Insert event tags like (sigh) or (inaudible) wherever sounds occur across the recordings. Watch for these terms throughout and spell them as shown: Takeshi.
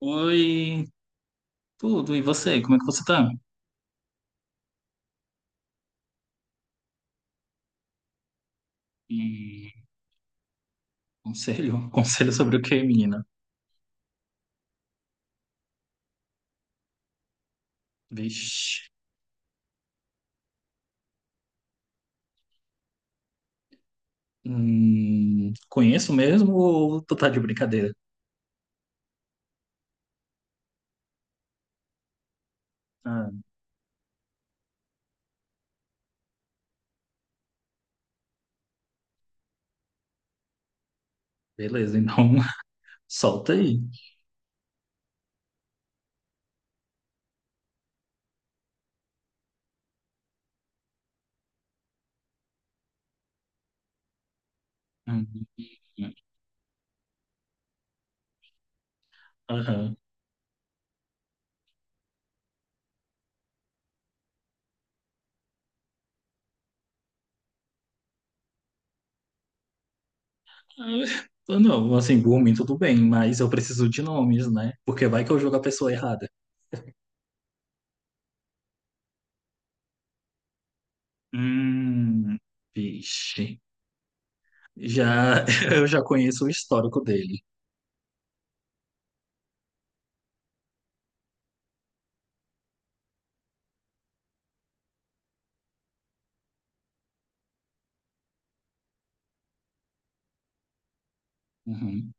Oi, tudo. E você? Como é que você tá? Hum, conselho? (laughs) Conselho sobre o quê, menina? Vixe. Conheço mesmo ou tu tá de brincadeira? Ah, beleza, então, (laughs) solta aí. Hum, aham. Ah, não, assim, por mim tudo bem, mas eu preciso de nomes, né? Porque vai que eu jogo a pessoa errada. Hum, vixe. Já, (laughs) eu já conheço o histórico dele. Uhum.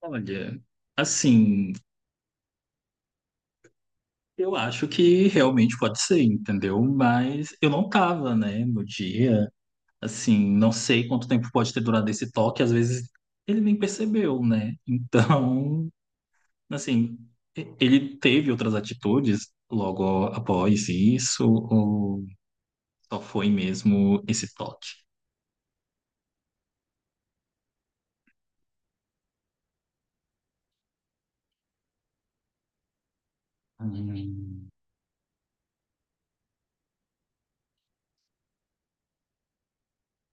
Olha, assim, eu acho que realmente pode ser, entendeu? Mas eu não tava, né, no dia. Assim, não sei quanto tempo pode ter durado esse toque, às vezes ele nem percebeu, né? (laughs) Então, assim, ele teve outras atitudes logo após isso, ou só foi mesmo esse toque? Hum.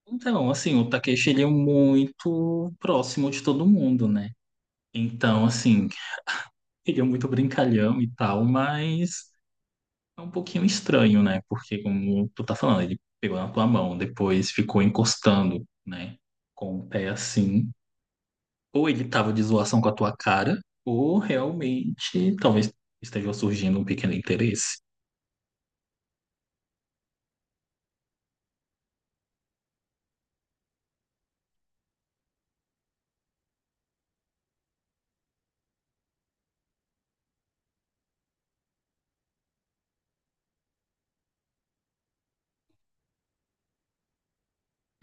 Então, assim, o Takeshi, ele é muito próximo de todo mundo, né? Então, assim, (laughs) ele é muito brincalhão e tal, mas é um pouquinho estranho, né? Porque, como tu tá falando, ele pegou na tua mão, depois ficou encostando, né? Com o pé assim. Ou ele tava de zoação com a tua cara, ou realmente talvez esteja surgindo um pequeno interesse.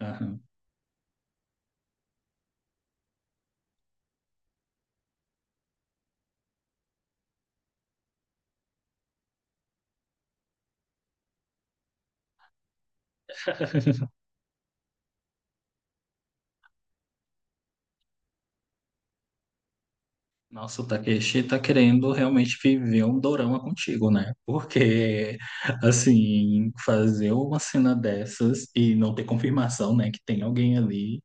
Aham. Nossa, o Takeshi tá querendo realmente viver um dorama contigo, né? Porque, assim, fazer uma cena dessas e não ter confirmação, né, que tem alguém ali,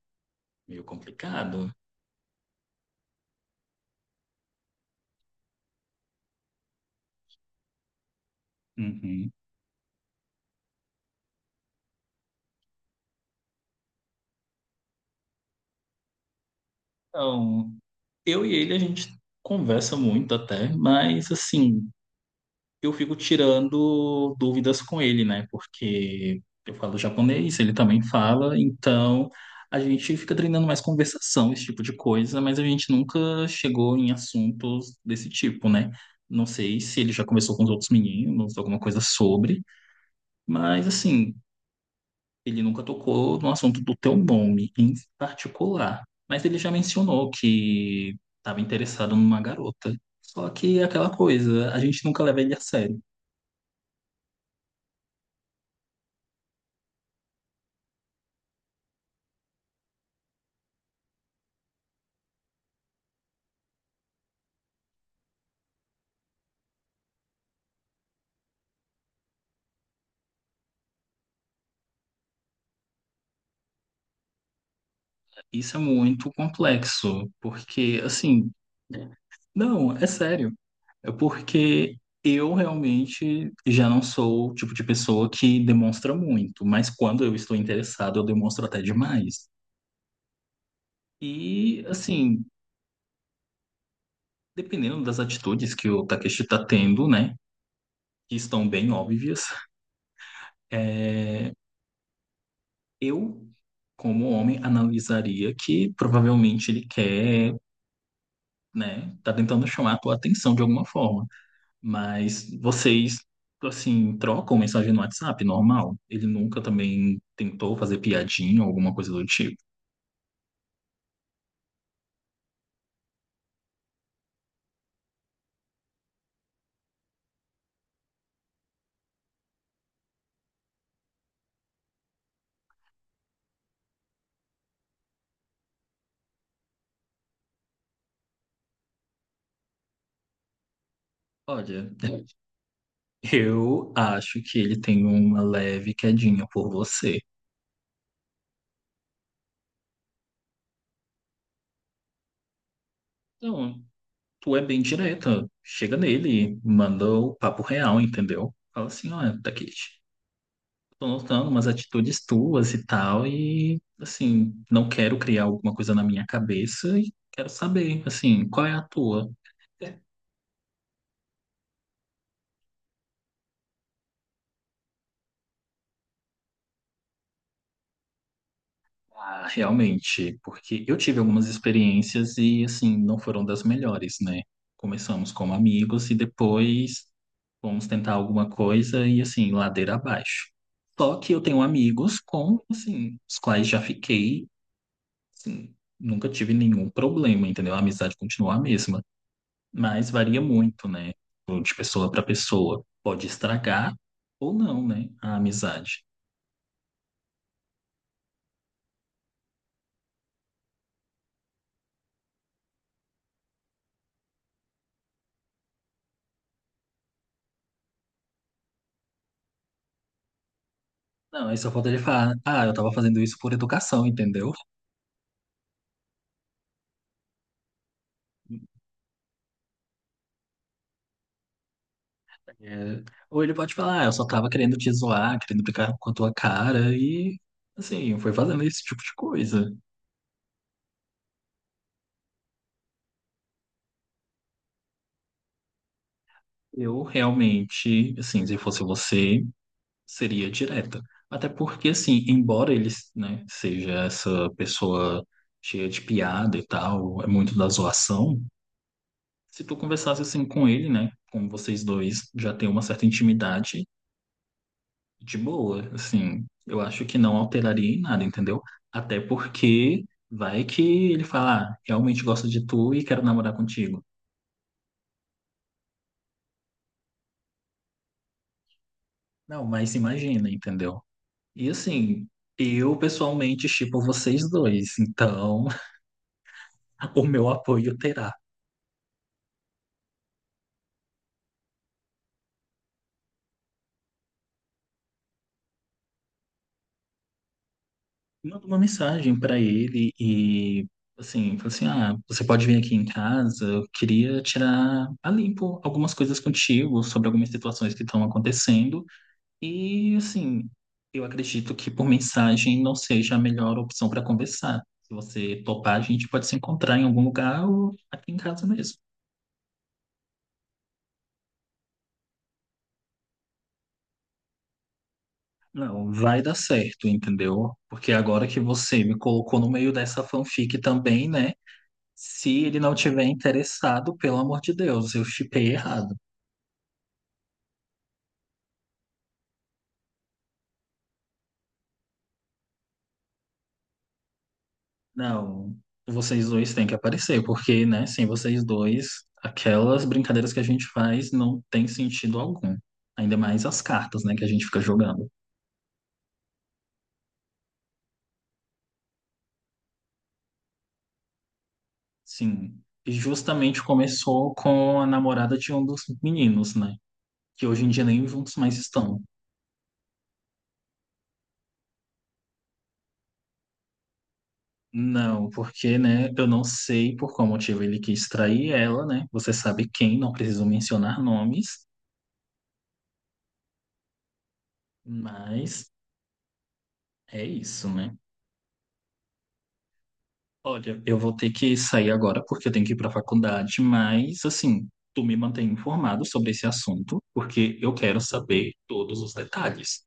meio complicado. Uhum. Então, eu e ele, a gente conversa muito até, mas assim, eu fico tirando dúvidas com ele, né? Porque eu falo japonês, ele também fala, então a gente fica treinando mais conversação, esse tipo de coisa, mas a gente nunca chegou em assuntos desse tipo, né? Não sei se ele já conversou com os outros meninos, alguma coisa sobre, mas assim, ele nunca tocou no assunto do teu nome em particular, mas ele já mencionou que estava interessado numa garota. Só que é aquela coisa, a gente nunca leva ele a sério. Isso é muito complexo, porque assim, não, é sério. É porque eu realmente já não sou o tipo de pessoa que demonstra muito, mas quando eu estou interessado, eu demonstro até demais. E, assim, dependendo das atitudes que o Takeshi está tendo, né? Que estão bem óbvias, é, eu, como homem, analisaria que provavelmente ele quer, né, tá tentando chamar a tua atenção de alguma forma. Mas vocês, assim, trocam mensagem no WhatsApp, normal? Ele nunca também tentou fazer piadinha ou alguma coisa do tipo? Olha, (laughs) eu acho que ele tem uma leve quedinha por você. Então, tu é bem direta. Chega nele, manda o papo real, entendeu? Fala assim, olha, Takeshi, tô notando umas atitudes tuas e tal, e assim, não quero criar alguma coisa na minha cabeça e quero saber, assim, qual é a tua? É. Ah, realmente, porque eu tive algumas experiências e assim, não foram das melhores, né? Começamos como amigos e depois vamos tentar alguma coisa e assim, ladeira abaixo. Só que eu tenho amigos com, assim, os quais já fiquei, assim, nunca tive nenhum problema, entendeu? A amizade continua a mesma. Mas varia muito, né? De pessoa para pessoa. Pode estragar ou não, né? A amizade. Não, aí só falta ele falar, ah, eu tava fazendo isso por educação, entendeu? É. Ou ele pode falar, ah, eu só tava querendo te zoar, querendo brincar com a tua cara e, assim, foi fazendo esse tipo de coisa. Eu realmente, assim, se fosse você, seria direta. Até porque, assim, embora ele, né, seja essa pessoa cheia de piada e tal, é muito da zoação, se tu conversasse assim com ele, né? Como vocês dois já têm uma certa intimidade, de boa, assim, eu acho que não alteraria em nada, entendeu? Até porque vai que ele fala, ah, realmente gosto de tu e quero namorar contigo. Não, mas imagina, entendeu? E assim, eu pessoalmente shippo vocês dois, então (laughs) o meu apoio terá. Manda uma mensagem para ele e assim, fala assim, ah, você pode vir aqui em casa, eu queria tirar a limpo algumas coisas contigo sobre algumas situações que estão acontecendo e assim, eu acredito que por mensagem não seja a melhor opção para conversar. Se você topar, a gente pode se encontrar em algum lugar ou aqui em casa mesmo. Não, vai dar certo, entendeu? Porque agora que você me colocou no meio dessa fanfic também, né? Se ele não tiver interessado, pelo amor de Deus, eu shippei errado. Não, vocês dois têm que aparecer, porque, né, sem vocês dois, aquelas brincadeiras que a gente faz não tem sentido algum. Ainda mais as cartas, né, que a gente fica jogando. Sim. E justamente começou com a namorada de um dos meninos, né? Que hoje em dia nem juntos mais estão. Não, porque, né, eu não sei por qual motivo ele quis trair ela, né? Você sabe quem, não preciso mencionar nomes. Mas é isso, né? Olha, eu vou ter que sair agora porque eu tenho que ir para a faculdade, mas assim, tu me mantém informado sobre esse assunto, porque eu quero saber todos os detalhes.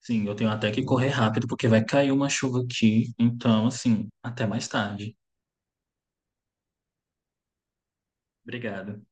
Sim, eu tenho até que correr rápido porque vai cair uma chuva aqui, então assim, até mais tarde. Obrigado.